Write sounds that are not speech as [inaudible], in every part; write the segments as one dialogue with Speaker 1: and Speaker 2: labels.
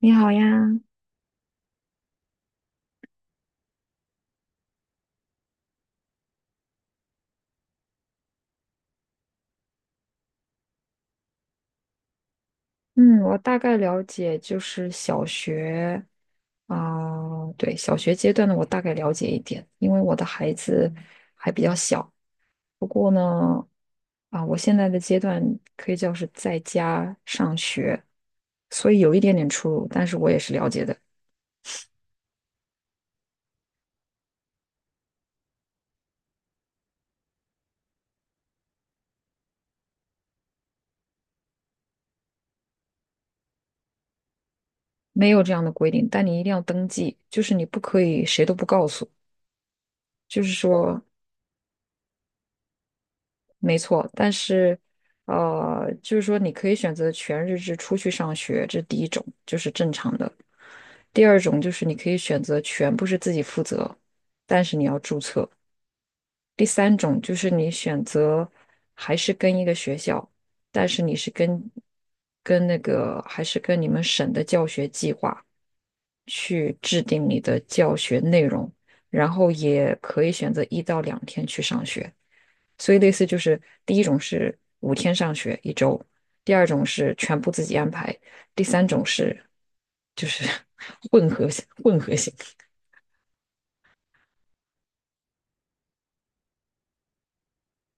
Speaker 1: 你好呀。嗯，我大概了解，就是小学，啊、对，小学阶段的我大概了解一点，因为我的孩子还比较小。不过呢，啊、我现在的阶段可以叫是在家上学，所以有一点点出入，但是我也是了解的。没有这样的规定，但你一定要登记，就是你不可以谁都不告诉，就是说。没错，但是，就是说你可以选择全日制出去上学，这是第一种，就是正常的。第二种就是你可以选择全部是自己负责，但是你要注册。第三种就是你选择还是跟一个学校，但是你是跟跟那个还是跟你们省的教学计划去制定你的教学内容，然后也可以选择一到两天去上学。所以类似就是第一种是五天上学一周，第二种是全部自己安排，第三种是就是 [laughs] 混合型。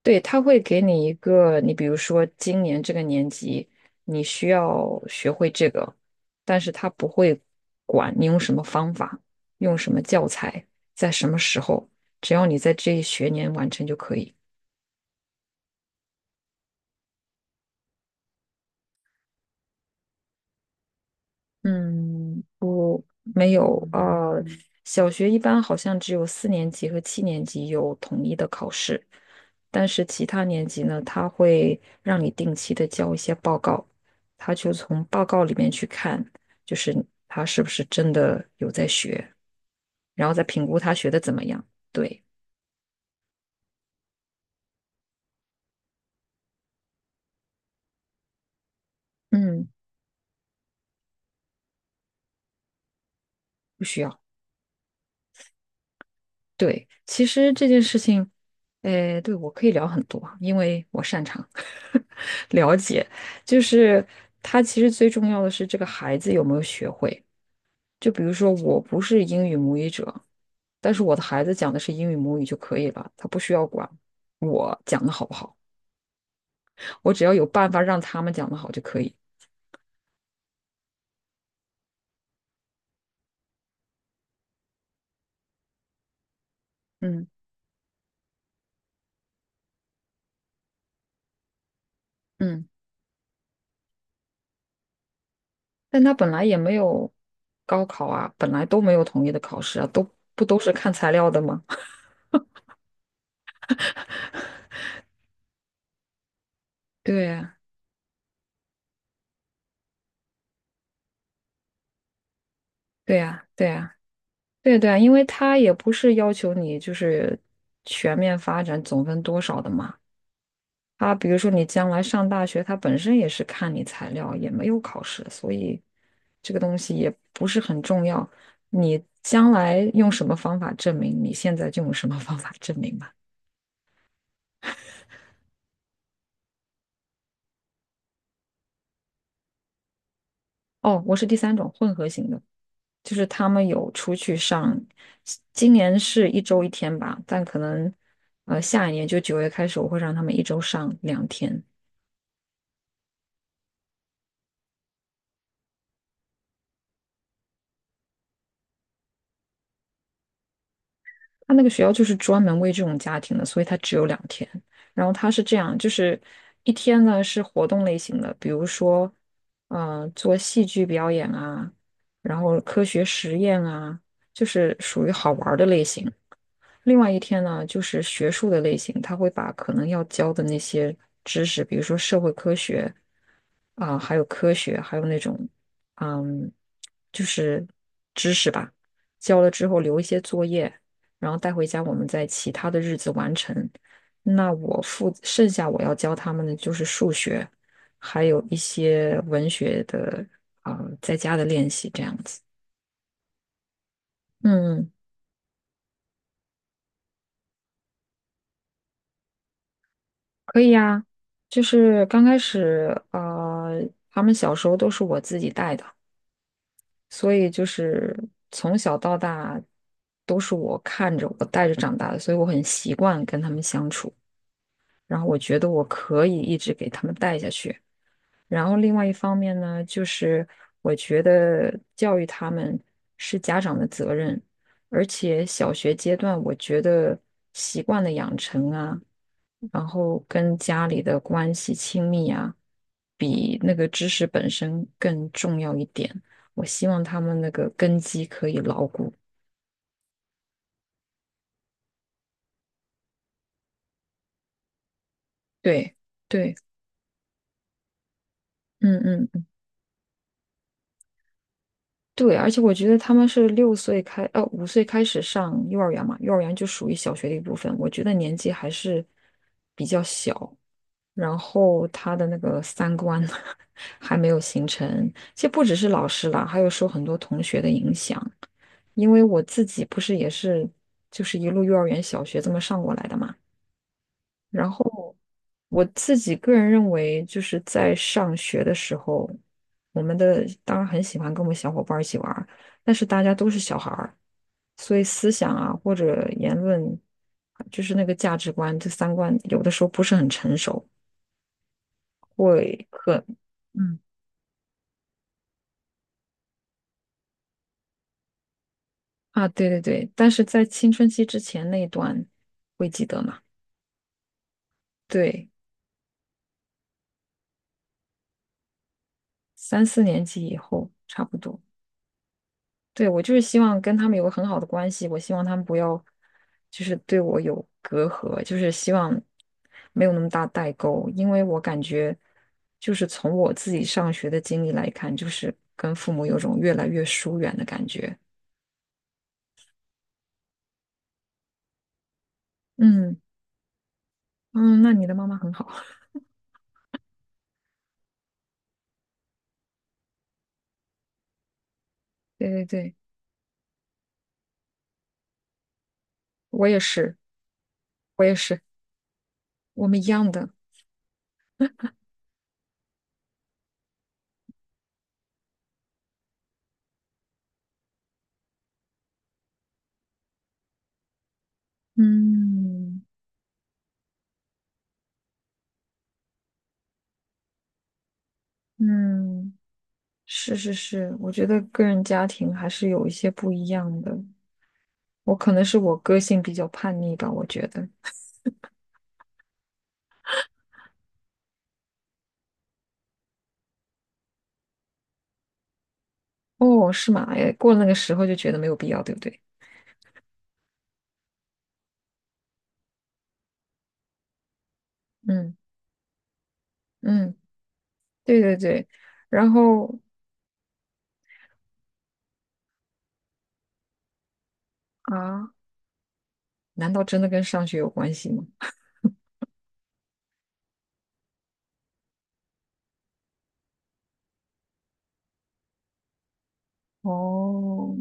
Speaker 1: 对，他会给你一个，你比如说今年这个年级你需要学会这个，但是他不会管你用什么方法，用什么教材，在什么时候，只要你在这一学年完成就可以。嗯，不，没有。啊。嗯，小学一般好像只有四年级和七年级有统一的考试，但是其他年级呢，他会让你定期的交一些报告，他就从报告里面去看，就是他是不是真的有在学，然后再评估他学的怎么样。对。嗯，不需要。对，其实这件事情，对我可以聊很多啊，因为我擅长 [laughs] 了解。就是他其实最重要的是这个孩子有没有学会。就比如说，我不是英语母语者，但是我的孩子讲的是英语母语就可以了，他不需要管我讲的好不好，我只要有办法让他们讲的好就可以。嗯嗯，但他本来也没有高考啊，本来都没有统一的考试啊，都不都是看材料的吗？[laughs] 对呀，对呀，对呀。对对，啊，因为他也不是要求你就是全面发展总分多少的嘛。他比如说你将来上大学，他本身也是看你材料，也没有考试，所以这个东西也不是很重要。你将来用什么方法证明，你现在就用什么方法证明吧。哦，我是第三种混合型的，就是他们有出去上，今年是一周一天吧，但可能下一年就九月开始，我会让他们一周上两天。他那个学校就是专门为这种家庭的，所以它只有两天。然后它是这样，就是一天呢是活动类型的，比如说，做戏剧表演啊，然后科学实验啊，就是属于好玩儿的类型。另外一天呢，就是学术的类型，他会把可能要教的那些知识，比如说社会科学啊、还有科学，还有那种嗯，就是知识吧，教了之后留一些作业，然后带回家，我们在其他的日子完成。那我负剩下我要教他们的就是数学，还有一些文学的啊、在家的练习这样子。嗯。嗯，可以呀，就是刚开始，他们小时候都是我自己带的，所以就是从小到大都是我看着我带着长大的，所以我很习惯跟他们相处，然后我觉得我可以一直给他们带下去。然后另外一方面呢，就是我觉得教育他们是家长的责任，而且小学阶段，我觉得习惯的养成啊，然后跟家里的关系亲密啊，比那个知识本身更重要一点。我希望他们那个根基可以牢固。对对，嗯嗯。对，而且我觉得他们是六岁开，五岁开始上幼儿园嘛，幼儿园就属于小学的一部分。我觉得年纪还是比较小，然后他的那个三观 [laughs] 还没有形成。其实不只是老师啦，还有受很多同学的影响。因为我自己不是也是就是一路幼儿园、小学这么上过来的嘛，然后我自己个人认为，就是在上学的时候，我们的当然很喜欢跟我们小伙伴儿一起玩儿，但是大家都是小孩儿，所以思想啊或者言论，就是那个价值观、这三观，有的时候不是很成熟，会很嗯啊，对对对，但是在青春期之前那一段会记得嘛？对，三四年级以后差不多。对，我就是希望跟他们有个很好的关系，我希望他们不要就是对我有隔阂，就是希望没有那么大代沟，因为我感觉就是从我自己上学的经历来看，就是跟父母有种越来越疏远的感觉。嗯嗯，那你的妈妈很好。[laughs] 对对对，我也是，我也是，我们一样的。嗯嗯，是是是，我觉得个人家庭还是有一些不一样的。我可能是我个性比较叛逆吧，我觉得。哦，是吗？哎，过了那个时候就觉得没有必要，对不对？嗯嗯，对对对。然后啊，难道真的跟上学有关系吗？哦，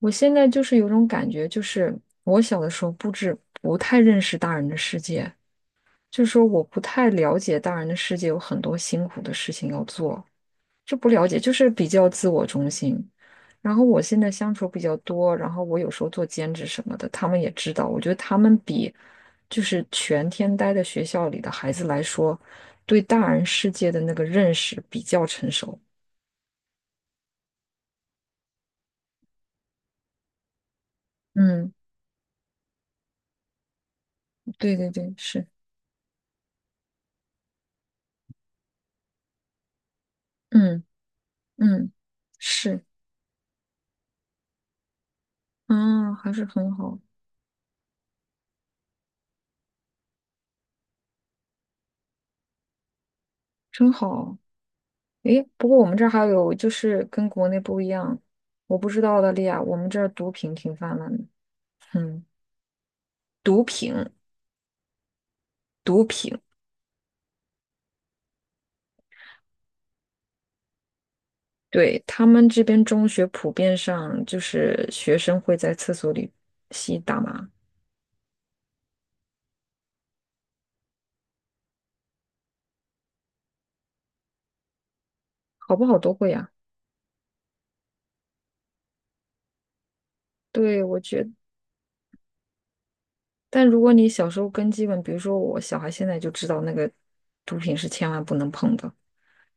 Speaker 1: 我现在就是有种感觉，就是我小的时候不太认识大人的世界，就是说我不太了解大人的世界有很多辛苦的事情要做，这不了解，就是比较自我中心。然后我现在相处比较多，然后我有时候做兼职什么的，他们也知道。我觉得他们比就是全天待在学校里的孩子来说，对大人世界的那个认识比较成熟。嗯，对对对，是，嗯嗯，是，啊，还是很好，真好。诶，不过我们这儿还有就是跟国内不一样，我不知道澳大利亚，我们这儿毒品挺泛滥的。嗯，毒品。毒品。对，他们这边中学普遍上就是学生会在厕所里吸大麻，好不好都会呀？对，我觉得但如果你小时候根基本，比如说我小孩现在就知道那个毒品是千万不能碰的。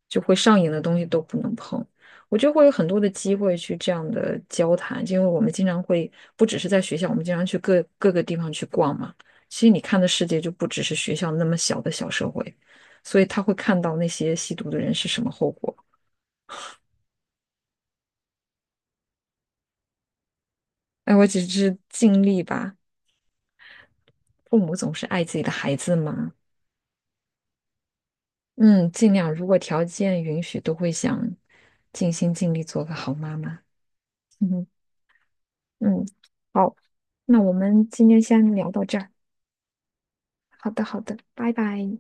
Speaker 1: 就会上瘾的东西都不能碰。我就会有很多的机会去这样的交谈，因为我们经常会不只是在学校，我们经常去各个地方去逛嘛。其实你看的世界就不只是学校那么小的小社会，所以他会看到那些吸毒的人是什么后果。哎，我只是尽力吧，父母总是爱自己的孩子嘛。嗯，尽量如果条件允许，都会想尽心尽力做个好妈妈。嗯嗯，好，那我们今天先聊到这儿。好的，好的，拜拜。